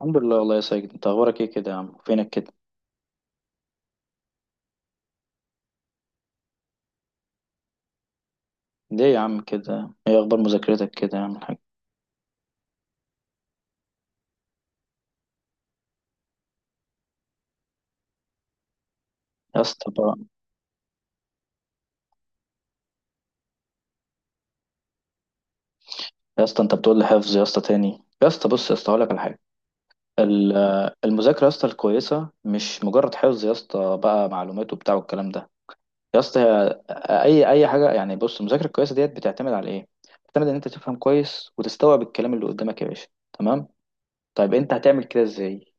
الحمد لله والله يا ساجد، انت اخبارك ايه كده يا عم؟ فينك كده؟ ليه يا عم كده؟ ايه اخبار مذاكرتك كده يا عم الحاج؟ يا اسطى بقى، يا اسطى انت بتقول لي حفظ يا اسطى تاني؟ يا اسطى بص، يا اسطى هقول لك على حاجه. ال- المذاكره يا اسطى الكويسه مش مجرد حفظ يا اسطى بقى معلومات وبتاع والكلام ده. يا اسطى هي اي حاجه يعني؟ بص، المذاكره الكويسه ديت بتعتمد على ايه؟ بتعتمد ان انت تفهم كويس وتستوعب الكلام اللي قدامك يا باشا. تمام؟ طيب، انت هتعمل كده ازاي؟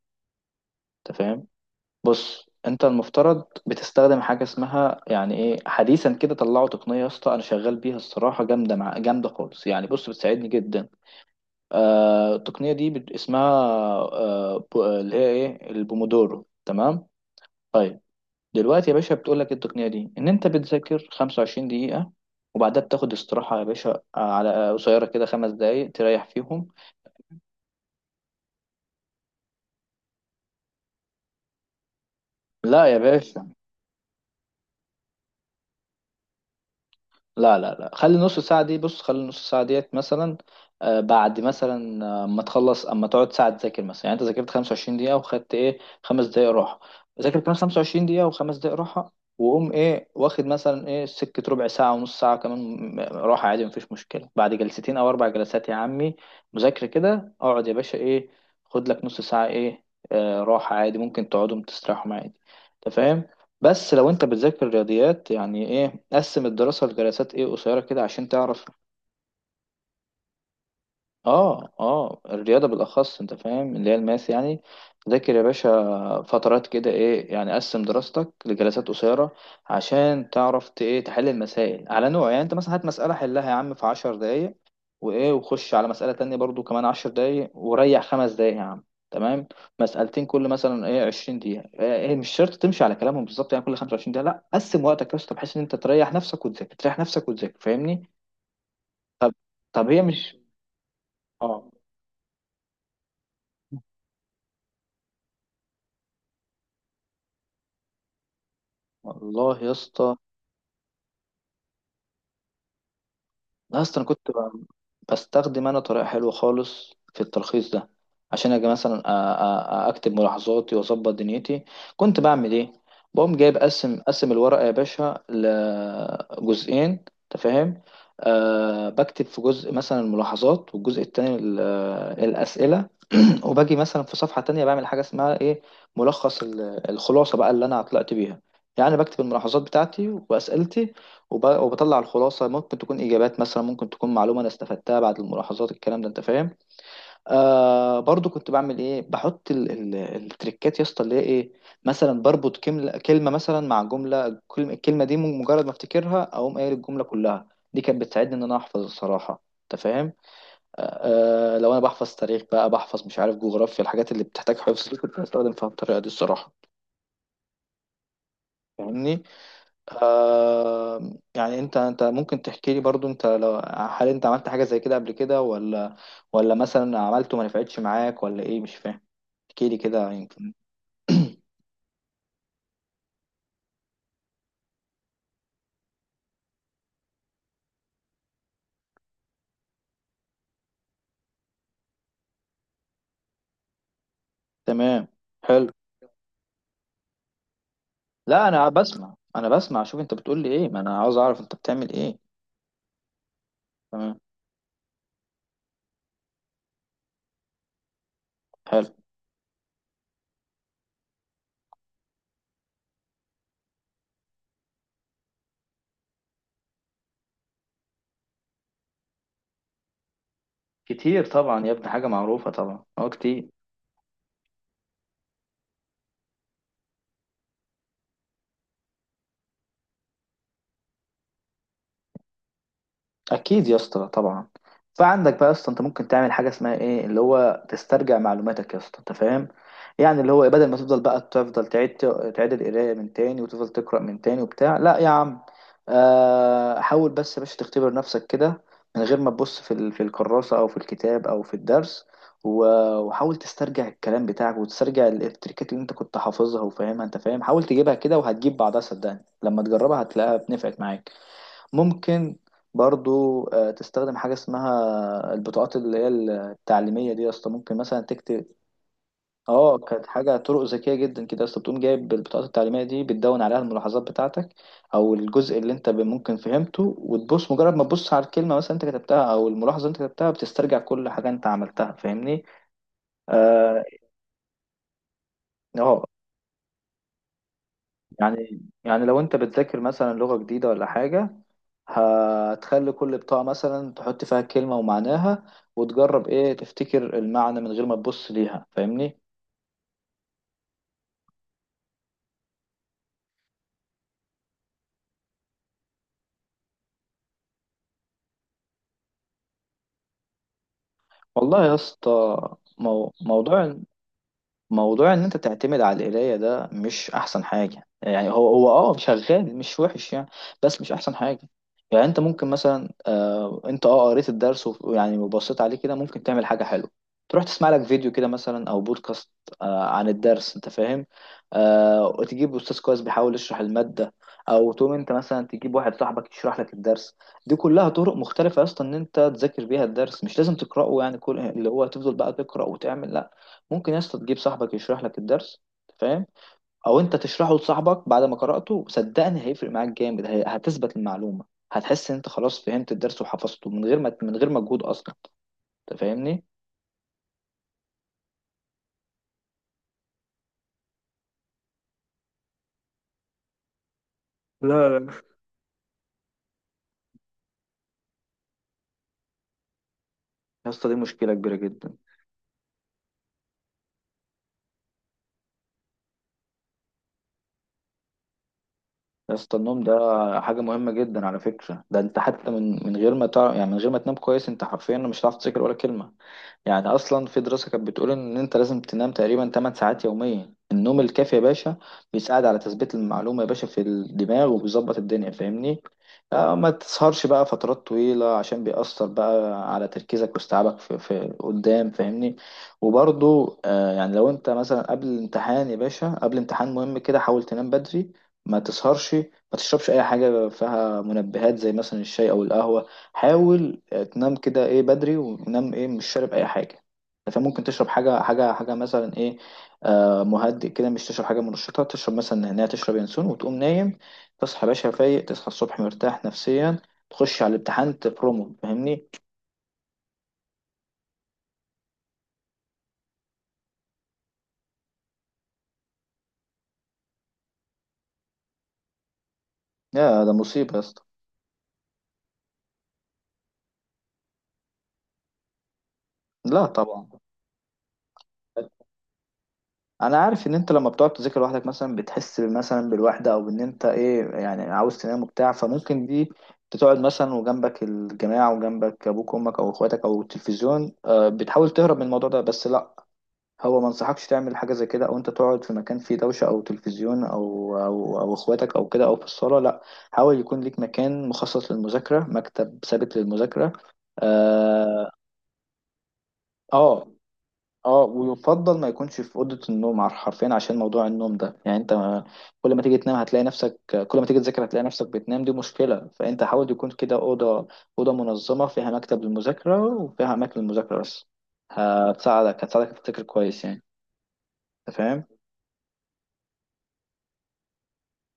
انت فاهم؟ بص، انت المفترض بتستخدم حاجه اسمها يعني ايه؟ حديثا كده طلعوا تقنيه يا اسطى، انا شغال بيها الصراحه، جامده، مع جامده خالص يعني. بص، بتساعدني جدا. التقنيه دي اسمها اللي هي ايه؟ البومودورو. تمام؟ طيب، دلوقتي يا باشا بتقول لك إيه التقنيه دي؟ ان انت بتذاكر 25 دقيقه وبعدها بتاخد استراحه يا باشا. على قصيره كده، خمس دقائق تريح فيهم. لا يا باشا، لا خلي النص ساعة دي، بص خلي النص ساعة ديت مثلا بعد مثلا اما تخلص، اما تقعد ساعة تذاكر مثلا. يعني انت ذاكرت 25 دقيقة وخدت ايه؟ خمس دقايق راحة. ذاكر كمان 25 دقيقة وخمس دقايق راحة، وقوم ايه واخد مثلا ايه سكة ربع ساعة ونص ساعة كمان راحة عادي، مفيش مشكلة. بعد جلستين او اربع جلسات يا عمي مذاكرة كده، اقعد يا باشا ايه، خد لك نص ساعة ايه راحة عادي، ممكن تقعدهم تستريحهم عادي. انت فاهم؟ بس لو انت بتذاكر رياضيات، يعني ايه؟ قسم الدراسة لجلسات ايه قصيرة كده عشان تعرف. اه الرياضة بالأخص، انت فاهم، اللي هي الماس يعني. ذاكر يا باشا فترات كده ايه، يعني قسم دراستك لجلسات قصيرة عشان تعرف ايه تحل المسائل على نوع. يعني انت مثلا هات مسألة حلها يا عم في عشر دقايق، وايه وخش على مسألة تانية برضو كمان عشر دقايق، وريح خمس دقايق يا عم. تمام؟ مسألتين كل مثلا ايه عشرين دقيقة ايه إيه، مش شرط تمشي على كلامهم بالظبط، يعني كل خمسة وعشرين دقيقة، لا قسم وقتك يا اسطى بحيث ان انت تريح نفسك وتذاكر، تريح نفسك وتذاكر. فاهمني؟ طب، طب هي مش اه، والله يا اسطى، لا يا اسطى انا كنت بستخدم انا طريقه حلوه خالص في التلخيص ده. عشان اجي مثلا اكتب ملاحظاتي واظبط دنيتي، كنت بعمل ايه؟ بقوم جايب قسم الورقه يا باشا لجزئين، انت فاهم؟ أه بكتب في جزء مثلا الملاحظات، والجزء التاني آه، الاسئله. وباجي مثلا في صفحه تانية بعمل حاجه اسمها ايه؟ ملخص الخلاصه بقى اللي انا طلعت بيها. يعني بكتب الملاحظات بتاعتي واسئلتي، وبطلع الخلاصة. ممكن تكون إجابات مثلا، ممكن تكون معلومة أنا استفدتها بعد الملاحظات، الكلام ده أنت فاهم؟ آه، برضو كنت بعمل إيه؟ بحط ال التريكات يا اسطى اللي هي إيه؟ مثلا بربط كلمة كلمة مثلا مع جملة الكلمة دي مجرد ما أفتكرها أقوم قايل الجملة كلها. دي كانت بتساعدني إن أنا أحفظ الصراحة، أنت فاهم؟ آه، لو أنا بحفظ تاريخ بقى، بحفظ مش عارف جغرافيا، الحاجات اللي بتحتاج حفظ دي كنت بستخدم فيها الطريقة دي الصراحة. فاهمني؟ آه، يعني انت ممكن تحكي لي برضو. انت لو، هل انت عملت حاجة زي كده قبل كده ولا؟ ولا مثلا عملته ما نفعتش معاك؟ ولا ايه؟ مش فاهم، احكي لي كده يمكن. تمام. حلو. لا انا بسمع، انا بسمع، شوف انت بتقول لي ايه، ما انا عاوز اعرف انت بتعمل ايه. تمام. حلو. كتير طبعا يا ابني، حاجة معروفة طبعا، اه كتير. اكيد يا اسطى طبعا. فعندك بقى يا اسطى، انت ممكن تعمل حاجه اسمها ايه، اللي هو تسترجع معلوماتك يا اسطى، انت فاهم؟ يعني اللي هو إيه، بدل ما تفضل بقى تفضل تعيد، تعيد القرايه من تاني وتفضل تقرا من تاني وبتاع، لا يا عم. آه، حاول بس يا باشا تختبر نفسك كده من غير ما تبص في في الكراسه او في الكتاب او في الدرس، وحاول تسترجع الكلام بتاعك وتسترجع التريكات اللي انت كنت حافظها وفاهمها، انت فاهم؟ حاول تجيبها كده وهتجيب بعضها، صدقني لما تجربها هتلاقيها بنفعت معاك. ممكن برضو آه، تستخدم حاجة اسمها البطاقات اللي هي التعليمية دي يا اسطى. ممكن مثلا تكتب، اه كانت حاجة طرق ذكية جدا كده يا اسطى، بتقوم جايب البطاقات التعليمية دي بتدون عليها الملاحظات بتاعتك او الجزء اللي انت ممكن فهمته، وتبص مجرد ما تبص على الكلمة مثلا انت كتبتها او الملاحظة اللي انت كتبتها، بتسترجع كل حاجة انت عملتها. فاهمني؟ اه، آه، يعني لو انت بتذاكر مثلا لغة جديدة ولا حاجة، هتخلي كل بطاقة مثلا تحط فيها كلمة ومعناها، وتجرب ايه تفتكر المعنى من غير ما تبص ليها. فاهمني؟ والله يا اسطى، مو... موضوع موضوع ان انت تعتمد على القرايه ده مش احسن حاجه، يعني هو اه شغال مش وحش يعني، بس مش احسن حاجه. يعني انت ممكن مثلا آه انت اه قريت الدرس يعني وبصيت عليه كده، ممكن تعمل حاجه حلوه. تروح تسمع لك فيديو كده مثلا او بودكاست آه عن الدرس، انت فاهم؟ آه، وتجيب استاذ كويس بيحاول يشرح الماده، او تقوم انت مثلا تجيب واحد صاحبك يشرح لك الدرس. دي كلها طرق مختلفه اصلا ان انت تذاكر بيها الدرس، مش لازم تقراه يعني كل اللي هو تفضل بقى تقرا وتعمل، لا. ممكن يا اسطى تجيب صاحبك يشرح لك الدرس، أنت فاهم؟ او انت تشرحه لصاحبك بعد ما قرأته، صدقني هيفرق معاك جامد. هتثبت المعلومة، هتحس ان انت خلاص فهمت الدرس وحفظته من غير ما، من غير مجهود اصلا. انت فاهمني؟ لا يا اسطى دي مشكلة كبيرة جدا. يا اسطى النوم ده حاجة مهمة جدا على فكرة. ده انت حتى من غير ما يعني من غير ما تنام كويس انت حرفيا مش هتعرف تذاكر ولا كلمة. يعني اصلا في دراسه كانت بتقول ان انت لازم تنام تقريبا 8 ساعات يوميا. النوم الكافي يا باشا بيساعد على تثبيت المعلومه يا باشا في الدماغ وبيظبط الدنيا، فاهمني؟ آه، ما تسهرش بقى فترات طويله عشان بيأثر بقى على تركيزك واستيعابك في، قدام، فاهمني؟ وبرضو آه، يعني لو انت مثلا قبل الامتحان يا باشا، قبل امتحان مهم كده، حاول تنام بدري، ما تسهرش، ما تشربش اي حاجه فيها منبهات زي مثلا الشاي او القهوه. حاول آه، تنام كده ايه بدري، ونام ايه مش شارب اي حاجه. فممكن تشرب حاجه مثلا ايه آه مهدئ كده، مش تشرب حاجه منشطه، تشرب مثلا نعناع، تشرب ينسون وتقوم نايم. تصحى يا باشا فايق، تصحى الصبح مرتاح نفسيا، تخش على الامتحان تبرومو. فاهمني؟ يا ده مصيبه يا اسطى. لا طبعا. انا عارف ان انت لما بتقعد تذاكر لوحدك مثلا بتحس مثلا بالوحده، او ان انت ايه يعني عاوز تنام وبتاع، فممكن دي تقعد مثلا وجنبك الجماعه وجنبك ابوك وامك او اخواتك او التلفزيون. آه، بتحاول تهرب من الموضوع ده، بس لا. هو ما انصحكش تعمل حاجه زي كده، او انت تقعد في مكان فيه دوشه او تلفزيون او او اخواتك او كده او في الصاله، لا. حاول يكون ليك مكان مخصص للمذاكره، مكتب ثابت للمذاكره. اه، آه، اه ويفضل ما يكونش في اوضه النوم حرفيا عشان موضوع النوم ده. يعني انت كل ما تيجي تنام هتلاقي نفسك، كل ما تيجي تذاكر هتلاقي نفسك بتنام، دي مشكله. فانت حاول يكون كده اوضه منظمه فيها مكتب للمذاكره وفيها اماكن للمذاكره بس، هتساعدك تفتكر كويس يعني. انت فاهم؟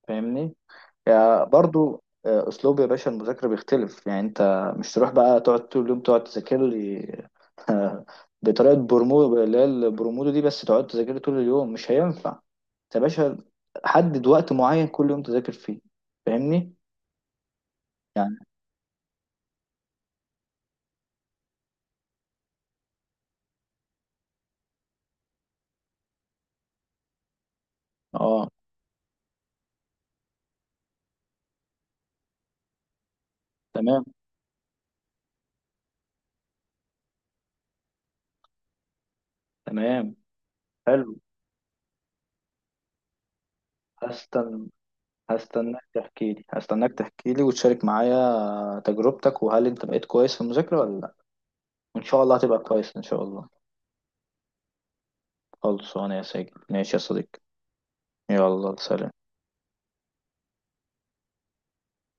فاهمني؟ يعني برضو آه، اسلوب يا باشا المذاكره بيختلف. يعني انت مش تروح بقى تقعد طول اليوم تقعد تذاكر لي بطريقه برمودو اللي هي البرمودو دي بس، تقعد تذاكر لي طول اليوم مش هينفع. انت يا باشا حدد وقت معين كل يوم تذاكر فيه. فاهمني؟ يعني اه. تمام. تمام. حلو. هستنى، هستناك تحكي لي، هستناك تحكي لي وتشارك معايا تجربتك، وهل انت بقيت كويس في المذاكره ولا لا. وان شاء الله هتبقى كويس ان شاء الله. خلصانه يا ساجد، ماشي يا صديقي. يلا سلام.